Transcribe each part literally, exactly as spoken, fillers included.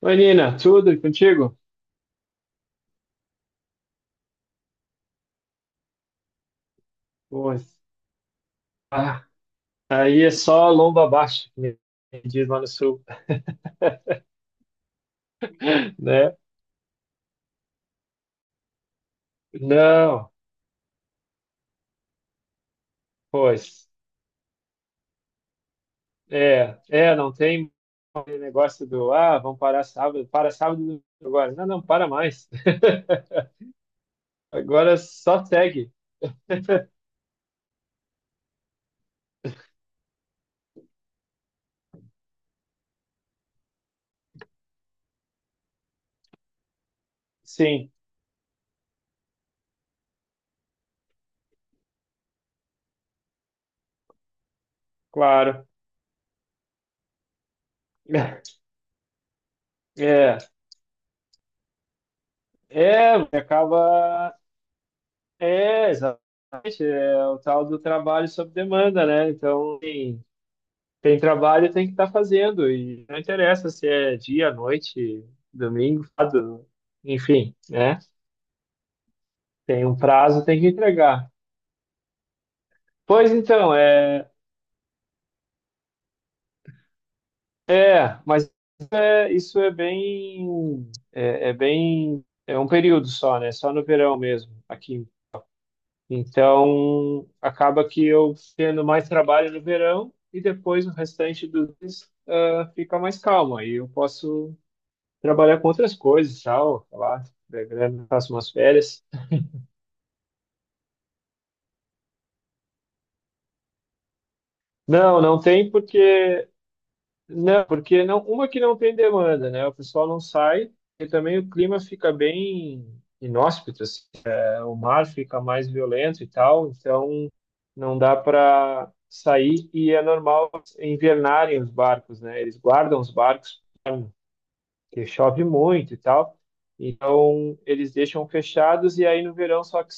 Oi, Nina, tudo e contigo? Pois. Ah, aí é só lomba abaixo, que nem diz lá no sul, né? Não, pois. É, é, não tem aquele negócio do, ah, vamos parar sábado, para sábado agora. Não, não, para mais. Agora só segue. Sim, claro. É, é, acaba. É, exatamente. É o tal do trabalho sob demanda, né? Então, assim, tem trabalho, tem que estar fazendo. E não interessa se é dia, noite, domingo, sábado, enfim, né? Tem um prazo, tem que entregar. Pois então, é, é, mas é- isso é bem, é, é bem, é um período só, né? Só no verão mesmo, aqui. Então, acaba que eu tendo mais trabalho no verão e depois o restante do mês, ah, fica mais calmo. Aí eu posso trabalhar com outras coisas, tal, sei lá, da grana, faço umas férias. Não, não tem porque não, porque não, uma que não tem demanda, né? O pessoal não sai e também o clima fica bem inóspito, assim. É, o mar fica mais violento e tal, então não dá para sair e é normal invernarem os barcos, né? Eles guardam os barcos porque chove muito e tal. Então eles deixam fechados e aí no verão só que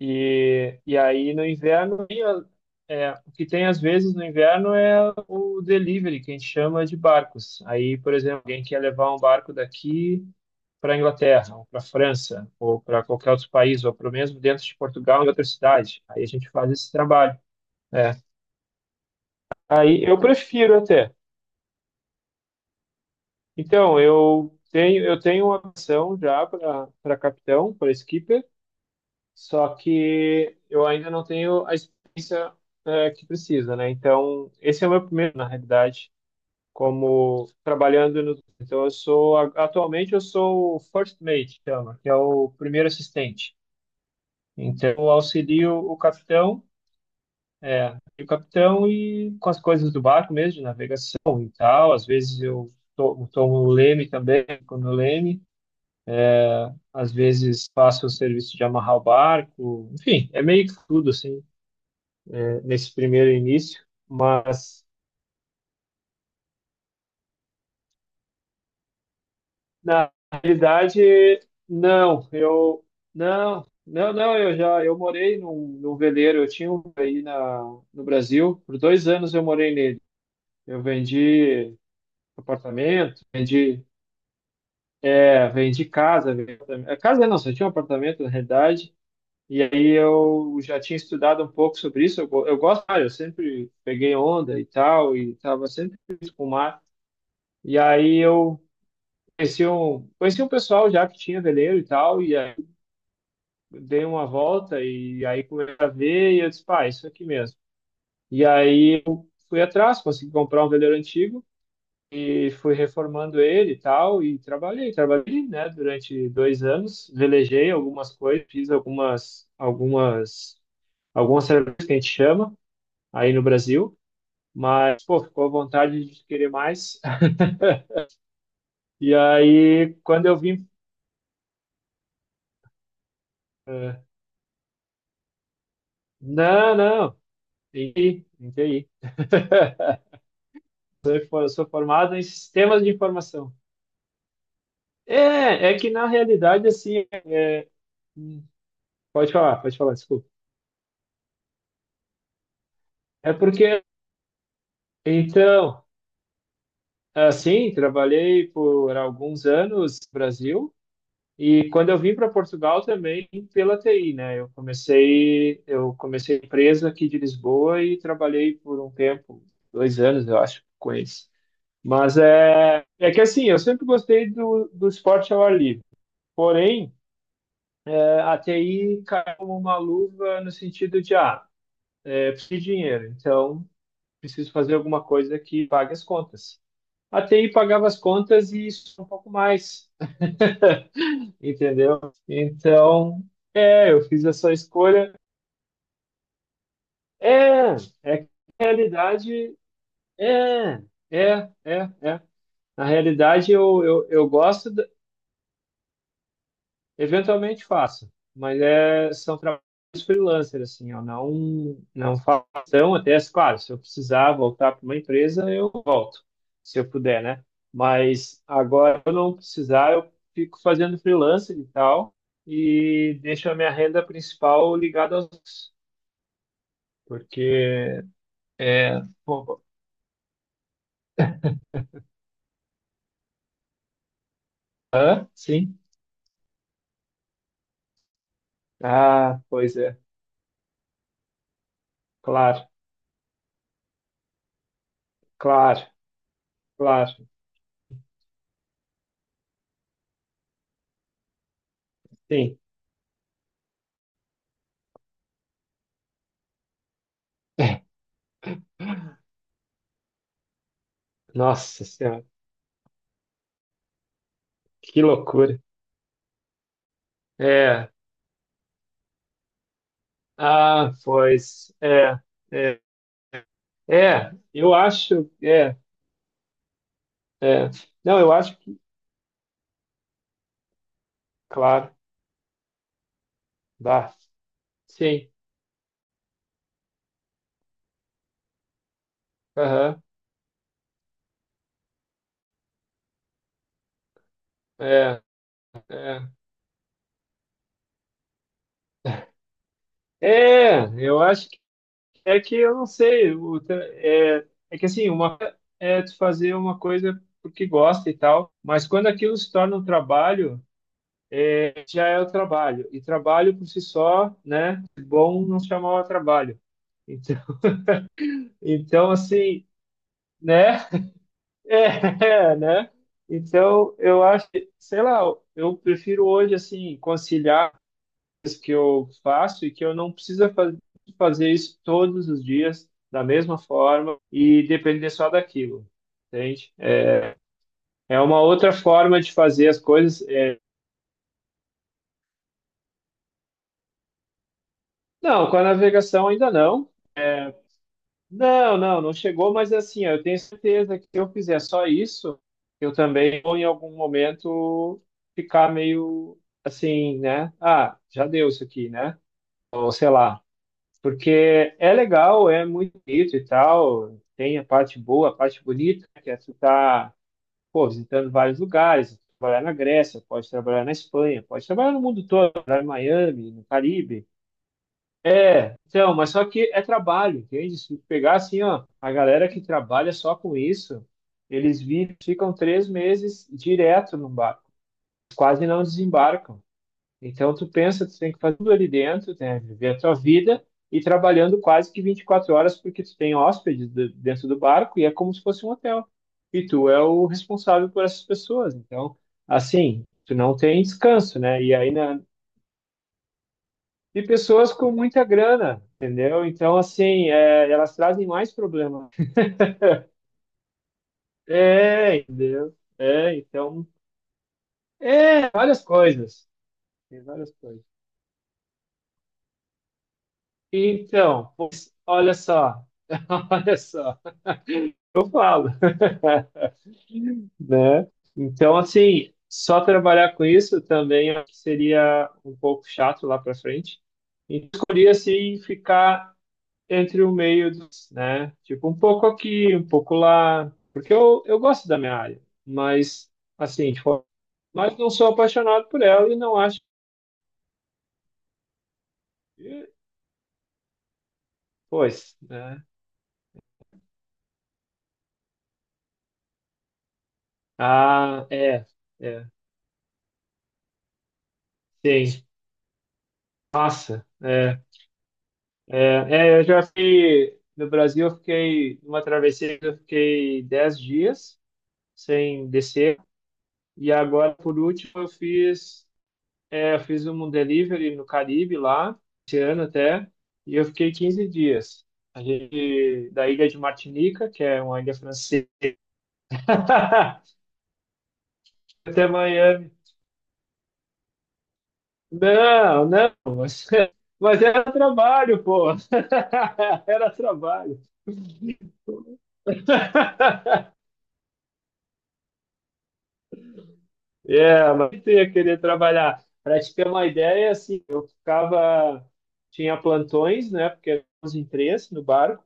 E, e aí no inverno, e, a- é, o que tem às vezes no inverno é o delivery, que a gente chama de barcos. Aí, por exemplo, alguém quer levar um barco daqui para a Inglaterra, ou para a França, ou para qualquer outro país, ou para mesmo dentro de Portugal, em outra cidade. Aí a gente faz esse trabalho. É. Aí eu prefiro até. Então, eu tenho, eu tenho uma opção já para para capitão, para skipper. Só que eu ainda não tenho a experiência, eh, que precisa, né? Então, esse é o meu primeiro, na realidade, como trabalhando no. Então, eu sou, a- atualmente, eu sou o first mate, chama, que é o primeiro assistente. Então, eu auxilio o capitão, é, o capitão e com as coisas do barco mesmo, de navegação e tal. Às vezes eu to- tomo o leme também, quando o leme. Às vezes faço o serviço de amarrar o barco, enfim, é meio que tudo assim. Nesse primeiro início, mas na realidade, não, eu não, não, não, eu já eu morei num, num veleiro, eu tinha um aí na, no Brasil, por dois anos eu morei nele. Eu vendi apartamento, vendi, é, vendi casa, vendi, apartamento. É, casa não, só tinha um apartamento na realidade. E aí eu já tinha estudado um pouco sobre isso. Eu, go- eu gosto, ah, eu sempre peguei onda e tal, e estava sempre com o mar. E aí eu Conheci um, conheci um pessoal já que tinha veleiro e tal, e aí dei uma volta e aí comecei a ver e eu disse, pá, é isso aqui mesmo. E aí eu fui atrás, consegui comprar um veleiro antigo e fui reformando ele e tal, e trabalhei, trabalhei, né, durante dois anos, velejei algumas coisas, fiz algumas, algumas, algumas serviços que a gente chama aí no Brasil, mas, pô, ficou à vontade de querer mais. E aí, quando eu vim, eh, não, não, T I, em T I. Eu sou formado em sistemas de informação. É, é que na realidade, assim, é- hum, pode falar, pode falar, desculpa. É porque, então, assim, trabalhei por alguns anos no Brasil e quando eu vim para Portugal também pela T I, né? Eu comecei, eu comecei a empresa aqui de Lisboa e trabalhei por um tempo, dois anos, eu acho, com eles. Mas é, é que assim, eu sempre gostei do, do esporte ao ar livre. Porém, eh, a T I caiu como uma luva no sentido de, ah, é, preciso de dinheiro, então preciso fazer alguma coisa que pague as contas. A T I pagava as contas e isso um pouco mais, entendeu? Então, é, eu fiz essa escolha. É, é que na realidade, é, é, é, é. Na realidade, eu, eu, eu gosto, eventualmente faço, mas é, são trabalhos freelancer, assim, eu não, não faço tão até, claro, se eu precisar voltar para uma empresa, eu volto, se eu puder, né? Mas agora eu não precisar, eu fico fazendo freelancer e tal, e deixo a minha renda principal ligada aos... outros, porque, é... pô, hã? Sim? Ah, pois é, claro, claro, claro, sim. Nossa Senhora, que loucura. É, ah, pois. É, é, é, eu acho. É, é. Não, eu acho que. Claro, dá. Sim. Aham. É, é. É, eu acho que é que eu não sei. O tra- é, é que assim, uma coisa é tu fazer uma coisa porque gosta e tal, mas quando aquilo se torna um trabalho, é, já é o trabalho. E trabalho por si só, né? Bom não se chamava trabalho. Então, então assim, né? É, né? Então, eu acho que, sei lá, eu prefiro hoje, assim, conciliar as que eu faço e que eu não precisa fa- fazer isso todos os dias da mesma forma e depender só daquilo, entende? É uma outra forma de fazer as coisas. É. Não, com a navegação ainda não. Não, não, não chegou, mas assim, eu tenho certeza que se eu fizer só isso, eu também vou em algum momento ficar meio assim, né? Ah, já deu isso aqui, né? Ou sei lá. Porque é legal, é muito bonito e tal, tem a parte boa, a parte bonita, né? Que é tu tá, pô, visitando vários lugares, trabalhar na Grécia, pode trabalhar na Espanha, pode trabalhar no mundo todo, trabalhar em Miami, no Caribe, é, então, mas só que é trabalho, entende? Se pegar assim, ó, a galera que trabalha só com isso, eles vivem, ficam três meses direto no barco, quase não desembarcam. Então, tu pensa, tu tem que fazer tudo ali dentro, né? Viver a tua vida e trabalhando quase que vinte e quatro horas, porque tu tem hóspedes de- dentro do barco e é como se fosse um hotel. E tu é o responsável por essas pessoas. Então, assim, tu não tem descanso, né? E aí, na, de pessoas com muita grana, entendeu? Então, assim, é, elas trazem mais problema. É, entendeu? É, então, é, várias coisas. Tem várias coisas. Então, pois, olha só, olha só, eu falo, né? Então, assim, só trabalhar com isso também acho que seria um pouco chato lá para frente. E escolhi, assim, ficar entre o meio dos, né? Tipo, um pouco aqui, um pouco lá, porque eu, eu gosto da minha área, mas assim, tipo, mas não sou apaixonado por ela e não acho que, pois, né? Ah, é, é, sim, nossa, é, é, é, eu já fiquei, no Brasil eu fiquei, numa travessia eu fiquei dez dias sem descer, e agora, por último, eu fiz é, eu fiz um delivery no Caribe lá, esse ano até, e eu fiquei 15 dias. A gente, da ilha de Martinica, que é uma ilha francesa, até Miami. Não, não, mas, mas era trabalho, pô. Era trabalho. É, mas eu ia querer trabalhar. Para te ter uma ideia, assim, eu ficava, tinha plantões, né, porque eram os imprensa no barco,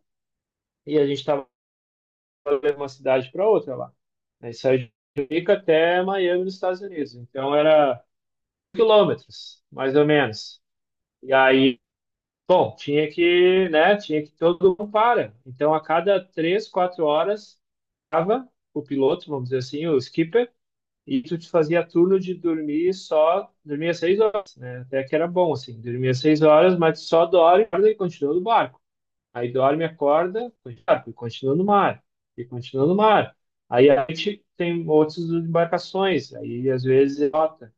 e a gente estava de uma cidade para outra lá. Aí saía de Rica até Miami, nos Estados Unidos. Então era quilômetros, mais ou menos. E aí, bom, tinha que, né, tinha que todo mundo para. Então a cada três, quatro horas, tava o piloto, vamos dizer assim, o skipper, e tu te fazia turno de dormir só, dormia seis horas, né? Até que era bom, assim, dormia seis horas, mas só dorme e continua no barco. Aí dorme, acorda, ah, e continua no mar, e continua no mar. Aí a gente tem outras embarcações, aí às vezes é rota.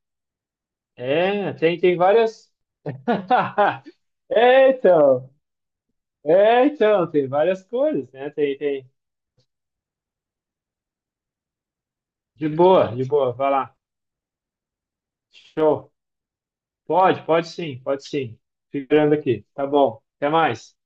É, tem, tem várias. É, então, é, então, tem várias coisas, né? Tem, tem. De boa, de boa, vai lá. Show. Pode, pode sim, pode sim. Ficando aqui. Tá bom. Até mais.